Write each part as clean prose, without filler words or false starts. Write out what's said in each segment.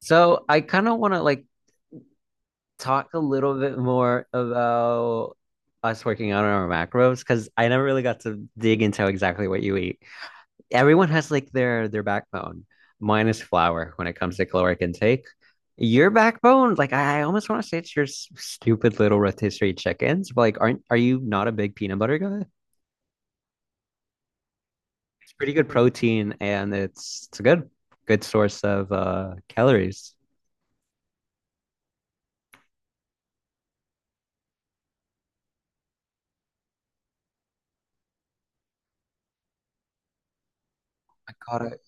So I kind of want to like talk a little bit more about us working out on our macros because I never really got to dig into exactly what you eat. Everyone has like their backbone. Mine is flour when it comes to caloric intake. Your backbone, like I almost want to say it's your stupid little rotisserie chickens, but like are you not a big peanut butter guy? It's pretty good protein and it's a good source of calories. My God.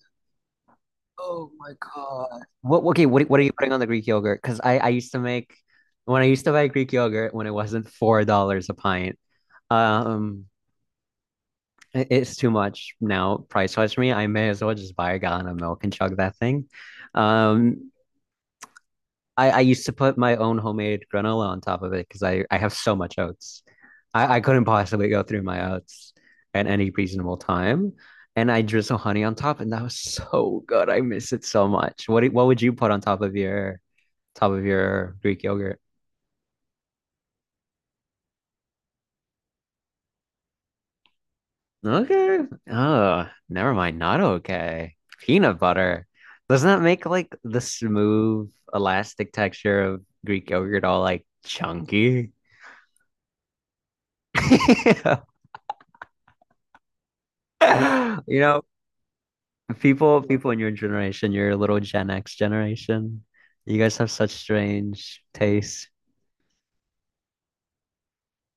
Oh my God. Okay, what are you putting on the Greek yogurt? Because I used to make, when I used to buy Greek yogurt when it wasn't $4 a pint, um, it's too much now price-wise for me. I may as well just buy a gallon of milk and chug that thing. Um, I used to put my own homemade granola on top of it because I have so much oats. I couldn't possibly go through my oats at any reasonable time. And I drizzle honey on top, and that was so good. I miss it so much. What would you put on top of your Greek yogurt? Okay. Oh, never mind. Not okay. Peanut butter. Doesn't that make like the smooth, elastic texture of Greek yogurt all like chunky? You know, people in your generation, your little Gen X generation, you guys have such strange tastes.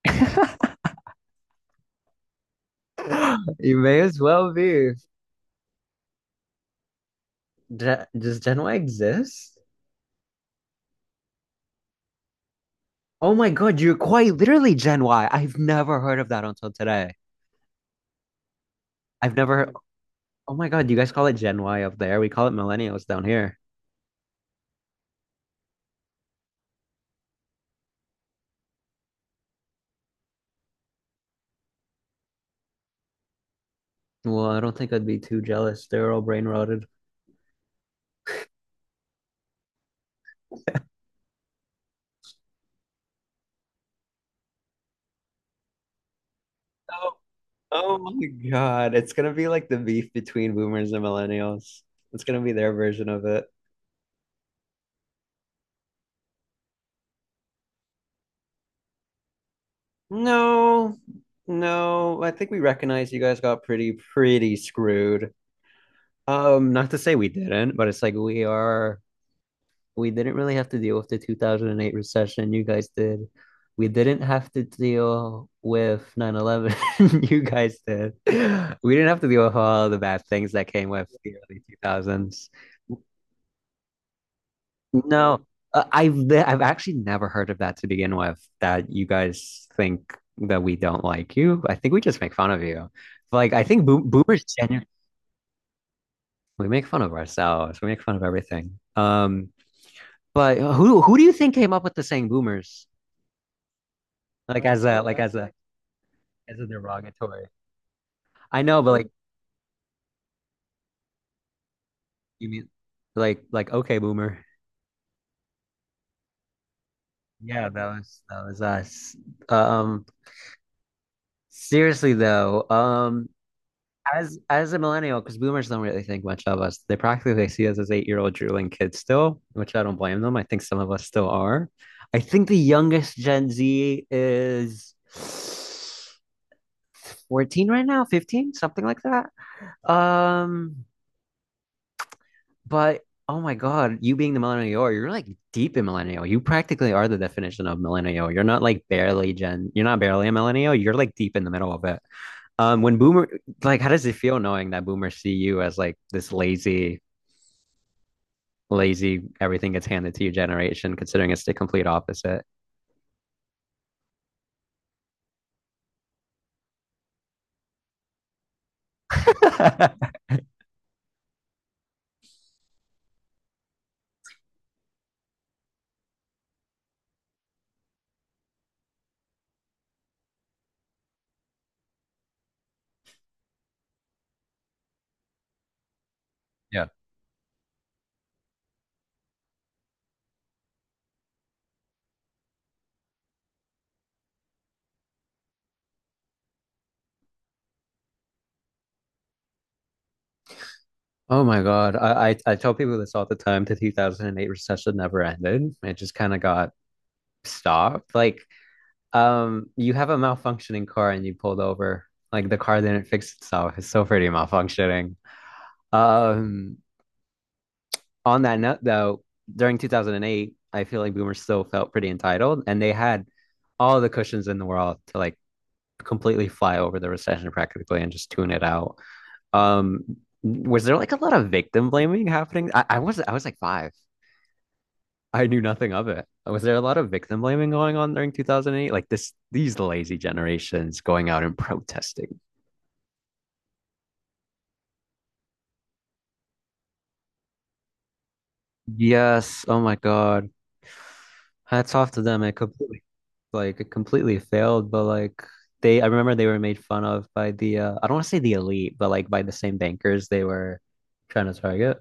You may as well be. Does Gen Y exist? Oh my God, you're quite literally Gen Y. I've never heard of that until today. I've never heard. Oh my God, you guys call it Gen Y up there. We call it millennials down here. Well, I don't think I'd be too jealous. They're all brain rotted. Oh, oh my God. It's gonna be like the beef between boomers and millennials. It's gonna be their version of it. No, no. I think we recognize you guys got pretty screwed. Not to say we didn't, but it's like we are, we didn't really have to deal with the 2008 recession. You guys did. We didn't have to deal with 9/11. You guys did. We didn't have to deal with all the bad things that came with the early 2000s. No, I've actually never heard of that to begin with, that you guys think that we don't like you. I think we just make fun of you. Like I think boomers genuinely we make fun of ourselves. We make fun of everything. But who do you think came up with the saying boomers? Like as a, like as a, as a derogatory. I know, but like you mean like okay boomer. Yeah, that was us. Um seriously though, as a millennial, because boomers don't really think much of us. They practically see us as 8-year-old drooling kids still, which I don't blame them. I think some of us still are. I think the youngest Gen Z is 14 right now, 15, something like that. Um, but oh my God, you being the millennial, you are, you're like deep in millennial. You practically are the definition of millennial. You're not like barely Gen, you're not barely a millennial. You're like deep in the middle of it. When boomer, like, how does it feel knowing that boomers see you as like this lazy, everything gets handed to you generation, considering it's the complete opposite. Yeah. Oh my God. I tell people this all the time. The 2008 recession never ended. It just kind of got stopped. Like, you have a malfunctioning car and you pulled over. Like the car didn't fix itself. It's still pretty malfunctioning. Um, on that note, though, during 2008, I feel like boomers still felt pretty entitled and they had all the cushions in the world to like completely fly over the recession practically and just tune it out. Um, was there like a lot of victim blaming happening? I was like five. I knew nothing of it. Was there a lot of victim blaming going on during 2008? Like this, these lazy generations going out and protesting. Yes. Oh my God. Hats off to them. It completely, like, it completely failed. But like, they, I remember they were made fun of by the, I don't want to say the elite, but like by the same bankers they were trying to target.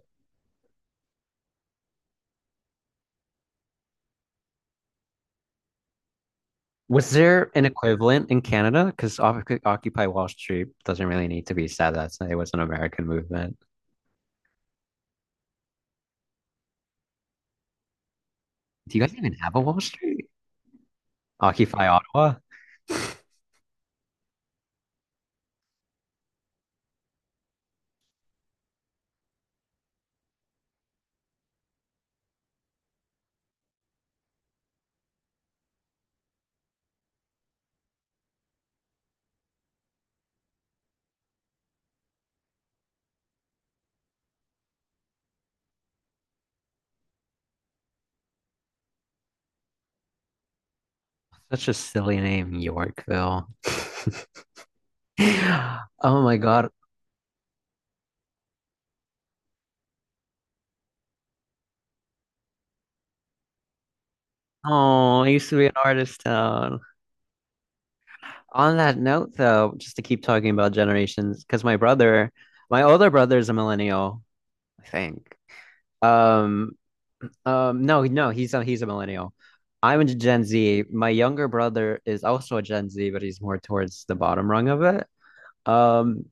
Was there an equivalent in Canada? Because Occupy Wall Street doesn't really need to be said. That's It was an American movement. Do you guys even have a Wall Street? Occupy Ottawa? Such a silly name, Yorkville. Oh my God. Oh, it used to be an artist town. On that note, though, just to keep talking about generations, because my brother, my older brother is a millennial, I think. Um, no, no, he's a millennial. I'm a Gen Z. My younger brother is also a Gen Z, but he's more towards the bottom rung of it. Um,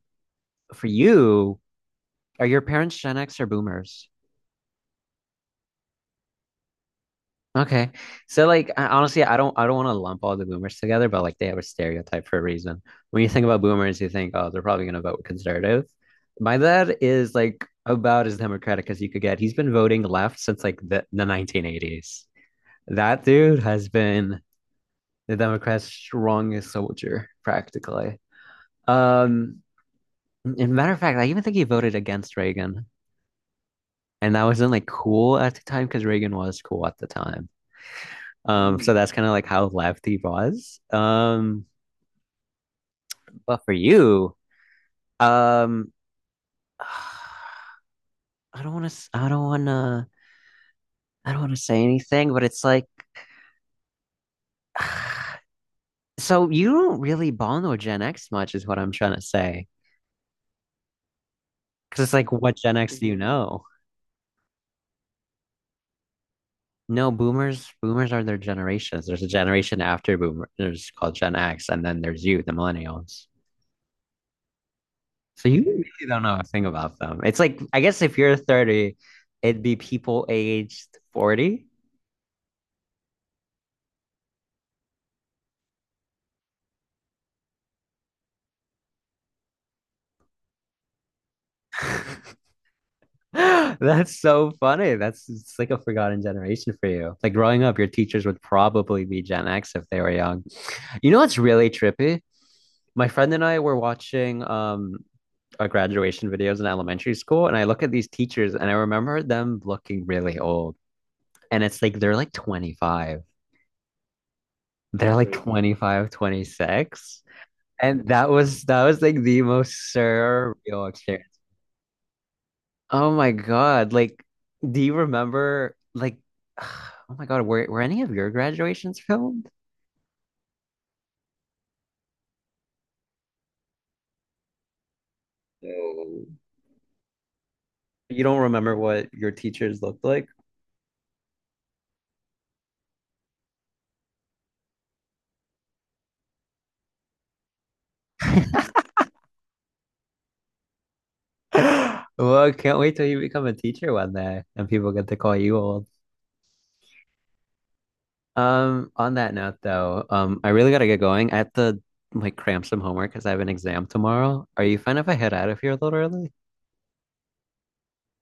for you, are your parents Gen X or Boomers? Okay. So like I, honestly, I don't want to lump all the boomers together, but like they have a stereotype for a reason. When you think about boomers, you think, oh, they're probably gonna vote conservative. My dad is like about as democratic as you could get. He's been voting left since like the 1980s. That dude has been the Democrats' strongest soldier, practically. Um, and matter of fact, I even think he voted against Reagan, and that wasn't like cool at the time because Reagan was cool at the time. So that's kind of like how left he was. But for you, um, I don't want to, I don't want to, I don't want to say anything, but it's like, so you don't really bond with Gen X much, is what I'm trying to say. Because it's like, what Gen X do you know? No, boomers are their generations. There's a generation after boomers called Gen X, and then there's you, the millennials. So you really don't know a thing about them. It's like, I guess if you're 30, it'd be people aged 40. That's so funny. That's It's like a forgotten generation for you. Like growing up, your teachers would probably be Gen X if they were young. You know what's really trippy? My friend and I were watching graduation videos in elementary school, and I look at these teachers and I remember them looking really old. And it's like they're like 25. They're like 25, 26. And that was like the most surreal experience. Oh my God. Like, do you remember like oh my God, were any of your graduations filmed? No. You don't remember what your teachers looked like? Well, I can't wait till you become a teacher one day and people get to call you old. On that note though, I really gotta get going. I have to like cram some homework because I have an exam tomorrow. Are you fine if I head out of here a little early?